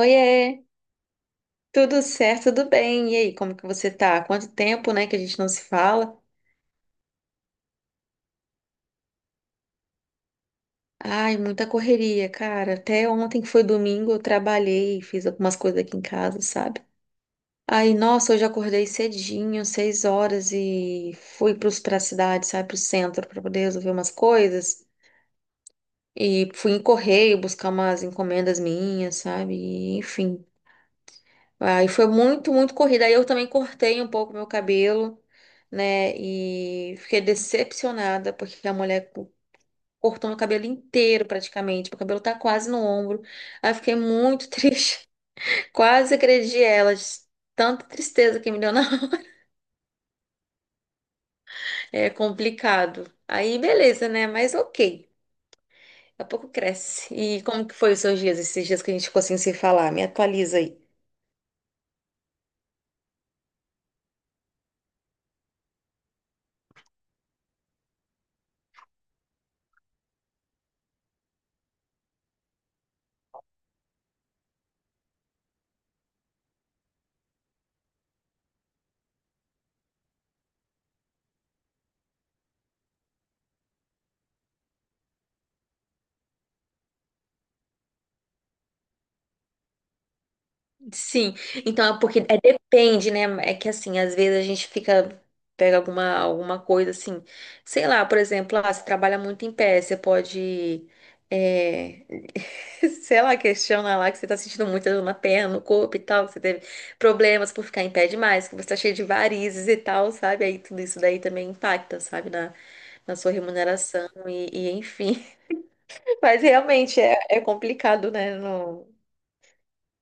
Oiê, tudo certo, tudo bem? E aí, como que você tá? Quanto tempo, né, que a gente não se fala? Ai, muita correria, cara. Até ontem que foi domingo, eu trabalhei, fiz algumas coisas aqui em casa, sabe? Aí, nossa, hoje eu acordei cedinho, 6 horas, e fui pra cidade, sabe, pro centro, pra poder resolver umas coisas. E fui em correio buscar umas encomendas minhas, sabe? E, enfim, aí foi muito, muito corrida. Aí eu também cortei um pouco meu cabelo, né? E fiquei decepcionada, porque a mulher cortou meu cabelo inteiro praticamente. Meu cabelo tá quase no ombro. Aí eu fiquei muito triste. Quase agredi ela. De Tanta tristeza que me deu na hora. É complicado. Aí beleza, né? Mas ok. Daqui a pouco cresce. E como que foi os seus dias, esses dias que a gente ficou sem se falar? Me atualiza aí. Sim, então é porque é, depende, né? É que assim, às vezes a gente fica, pega alguma coisa assim, sei lá, por exemplo, ah, você trabalha muito em pé, você pode, é, sei lá, questiona lá que você tá sentindo muita dor na perna, no corpo e tal, que você teve problemas por ficar em pé demais, que você tá cheio de varizes e tal, sabe? Aí tudo isso daí também impacta, sabe, na sua remuneração e enfim. Mas realmente é complicado, né?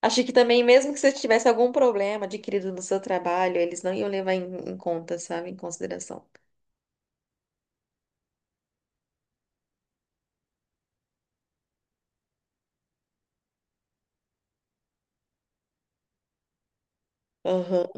Achei que também, mesmo que você tivesse algum problema adquirido no seu trabalho, eles não iam levar em conta, sabe? Em consideração. Aham.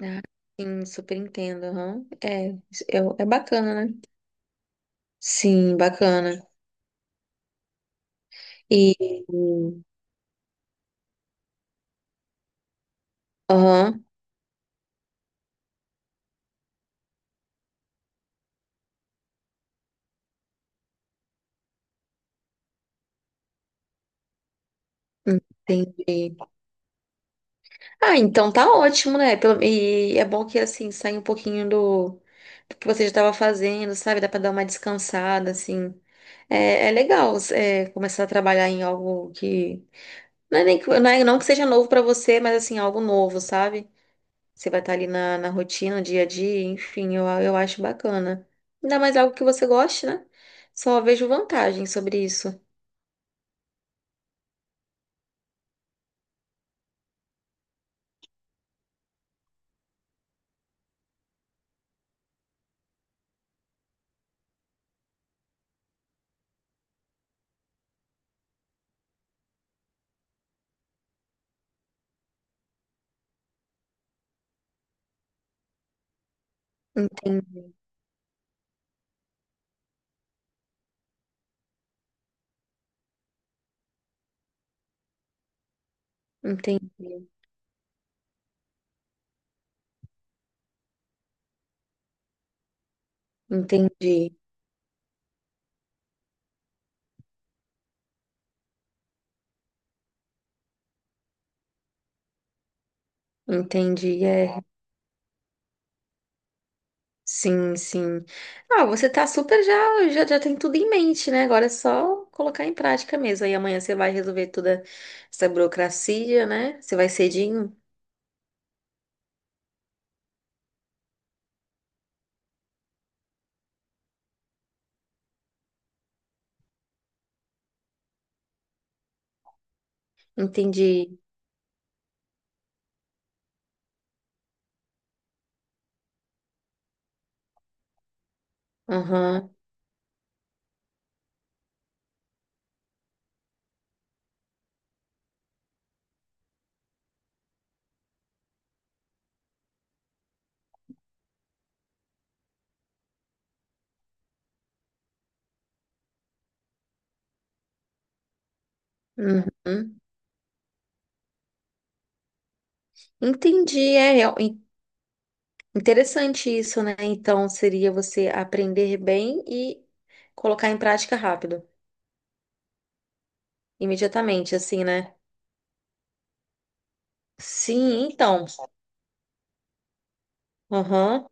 Ah, sim, super entendo. Aham. É, é bacana, né? Sim, bacana. E. Aham, entendi. Ah, então tá ótimo, né? E é bom que, assim, saia um pouquinho do que você já estava fazendo, sabe? Dá pra dar uma descansada, assim. É legal, começar a trabalhar em algo que. Não é nem que, não que seja novo pra você, mas assim, é algo novo, sabe? Você vai estar ali na rotina, no dia a dia, enfim, eu acho bacana. Ainda mais algo que você goste, né? Só vejo vantagem sobre isso. Entendi, entendi, entendi, entendi, é. Sim, sim. Ah, você tá super já tem tudo em mente, né? Agora é só colocar em prática mesmo. Aí amanhã você vai resolver toda essa burocracia, né? Você vai cedinho? Entendi. Aham. Uhum. Entendi, é interessante isso, né? Então seria você aprender bem e colocar em prática rápido, imediatamente, assim, né? Sim, então. Aham,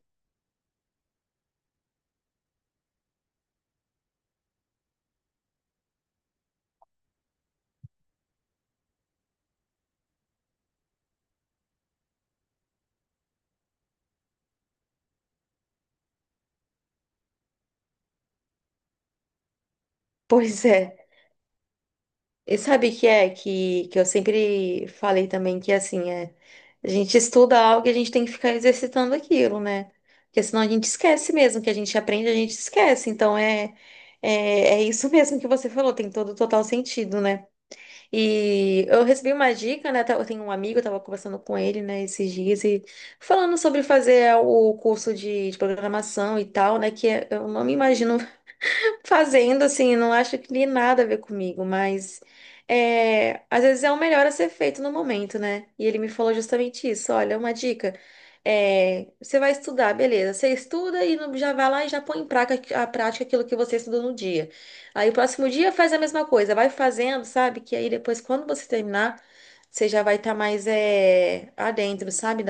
pois é. E sabe o que é que eu sempre falei também que assim é, a gente estuda algo e a gente tem que ficar exercitando aquilo, né? Porque senão a gente esquece mesmo, que a gente aprende, a gente esquece. Então é, é isso mesmo que você falou, tem todo o total sentido, né? E eu recebi uma dica, né? Eu tenho um amigo, eu tava conversando com ele, né, esses dias, e falando sobre fazer o curso de programação e tal, né? Eu não me imagino fazendo, assim, não acho que tem nada a ver comigo, mas às vezes é o melhor a ser feito no momento, né? E ele me falou justamente isso: olha, uma dica, você vai estudar, beleza, você estuda e já vai lá e já põe em prática, a prática aquilo que você estudou no dia. Aí o próximo dia faz a mesma coisa, vai fazendo, sabe? Que aí depois, quando você terminar, você já vai estar mais adentro, sabe?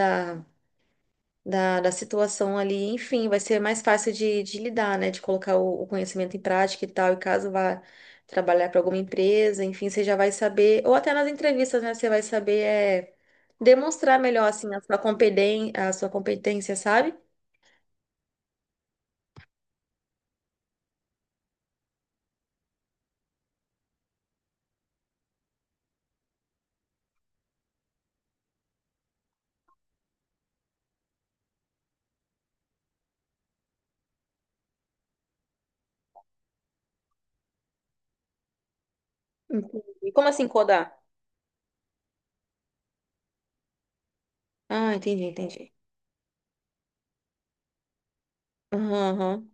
da situação ali. Enfim, vai ser mais fácil de lidar, né? De colocar o conhecimento em prática e tal. E caso vá trabalhar para alguma empresa, enfim, você já vai saber, ou até nas entrevistas, né? Você vai saber demonstrar melhor, assim, a sua competência, sabe? Entendi. Como assim codar? Ah, entendi, entendi. Aham, aham.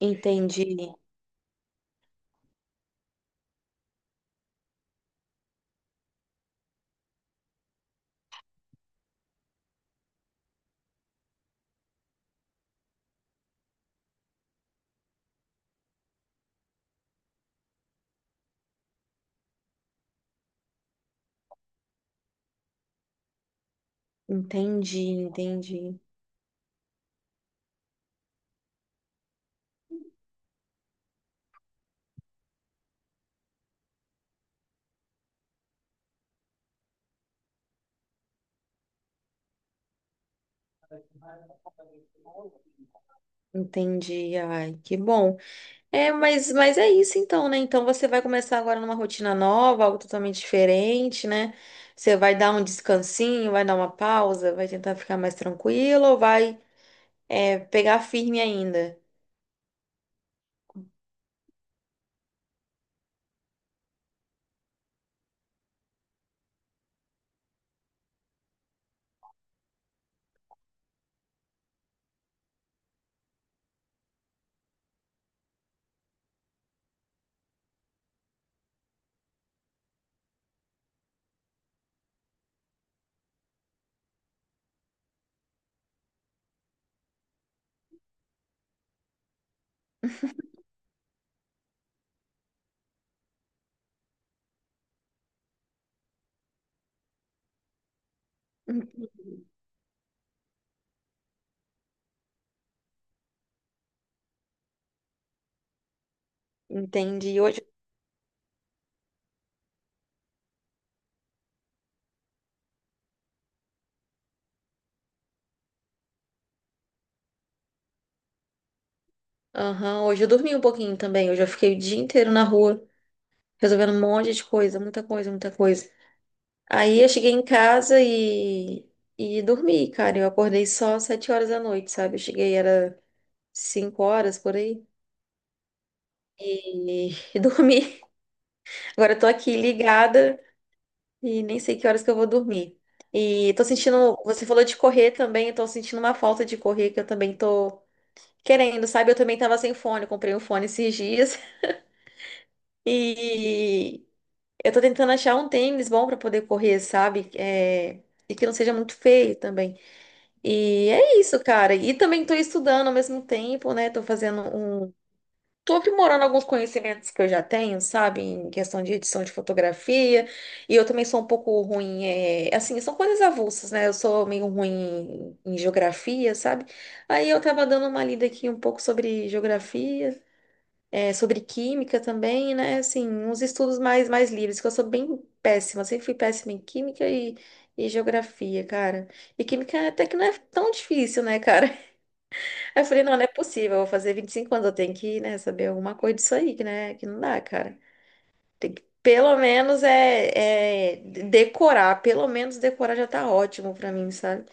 Entendi, entendi, entendi, entendi. Ai, que bom. É, mas é isso então, né? Então você vai começar agora numa rotina nova, algo totalmente diferente, né? Você vai dar um descansinho, vai dar uma pausa, vai tentar ficar mais tranquilo ou vai, pegar firme ainda? Entendi. Aham, hoje eu dormi um pouquinho também. Hoje eu fiquei o dia inteiro na rua, resolvendo um monte de coisa, muita coisa, muita coisa. Aí eu cheguei em casa e dormi, cara. Eu acordei só 7 horas da noite, sabe? Eu cheguei, era 5 horas por aí. E, e dormi. Agora eu tô aqui ligada e nem sei que horas que eu vou dormir. E tô sentindo, você falou de correr também, eu tô sentindo uma falta de correr que eu também tô querendo, sabe? Eu também tava sem fone, eu comprei um fone esses dias e eu tô tentando achar um tênis bom pra poder correr, sabe? E que não seja muito feio também. E é isso, cara. E também tô estudando ao mesmo tempo, né? Tô fazendo um Tô aprimorando alguns conhecimentos que eu já tenho, sabe, em questão de edição de fotografia, e eu também sou um pouco ruim, assim, são coisas avulsas, né? Eu sou meio ruim em geografia, sabe? Aí eu tava dando uma lida aqui um pouco sobre geografia, sobre química também, né? Assim, uns estudos mais livres, que eu sou bem péssima, sempre fui péssima em química e geografia, cara. E química até que não é tão difícil, né, cara? Aí eu falei, não, não é possível, eu vou fazer 25 anos, eu tenho que, né, saber alguma coisa disso aí, que, né, que não dá, cara. Tem que, pelo menos, decorar, pelo menos decorar já tá ótimo pra mim, sabe?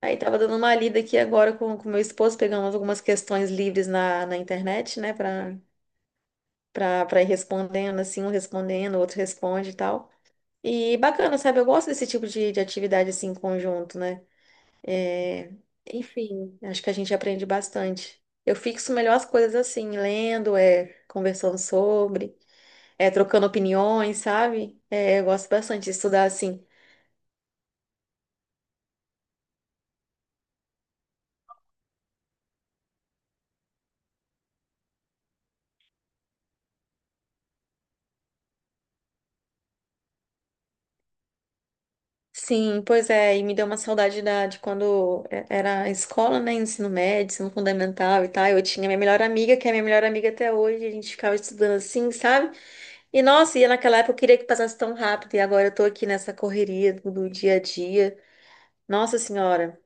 Aí tava dando uma lida aqui agora com meu esposo, pegando algumas questões livres na internet, né, pra ir respondendo, assim, um respondendo, o outro responde e tal. E bacana, sabe? Eu gosto desse tipo de atividade, assim, em conjunto, né? É, Enfim, acho que a gente aprende bastante. Eu fixo melhor as coisas assim, lendo, conversando sobre, trocando opiniões, sabe? Eu gosto bastante de estudar assim. Sim, pois é, e me deu uma saudade da, de quando era a escola, né? Ensino médio, ensino fundamental e tal. Eu tinha minha melhor amiga, que é minha melhor amiga até hoje, a gente ficava estudando assim, sabe? E nossa, e naquela época eu queria que passasse tão rápido, e agora eu tô aqui nessa correria do dia a dia. Nossa Senhora.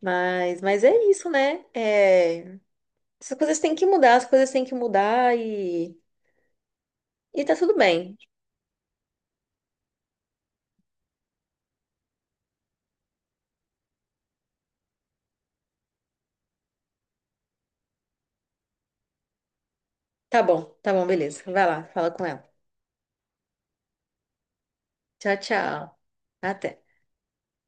Mas é isso, né? É, essas coisas têm que mudar, as coisas têm que mudar e tá tudo bem. Tá bom, beleza. Vai lá, fala com ela. Tchau, tchau. Até.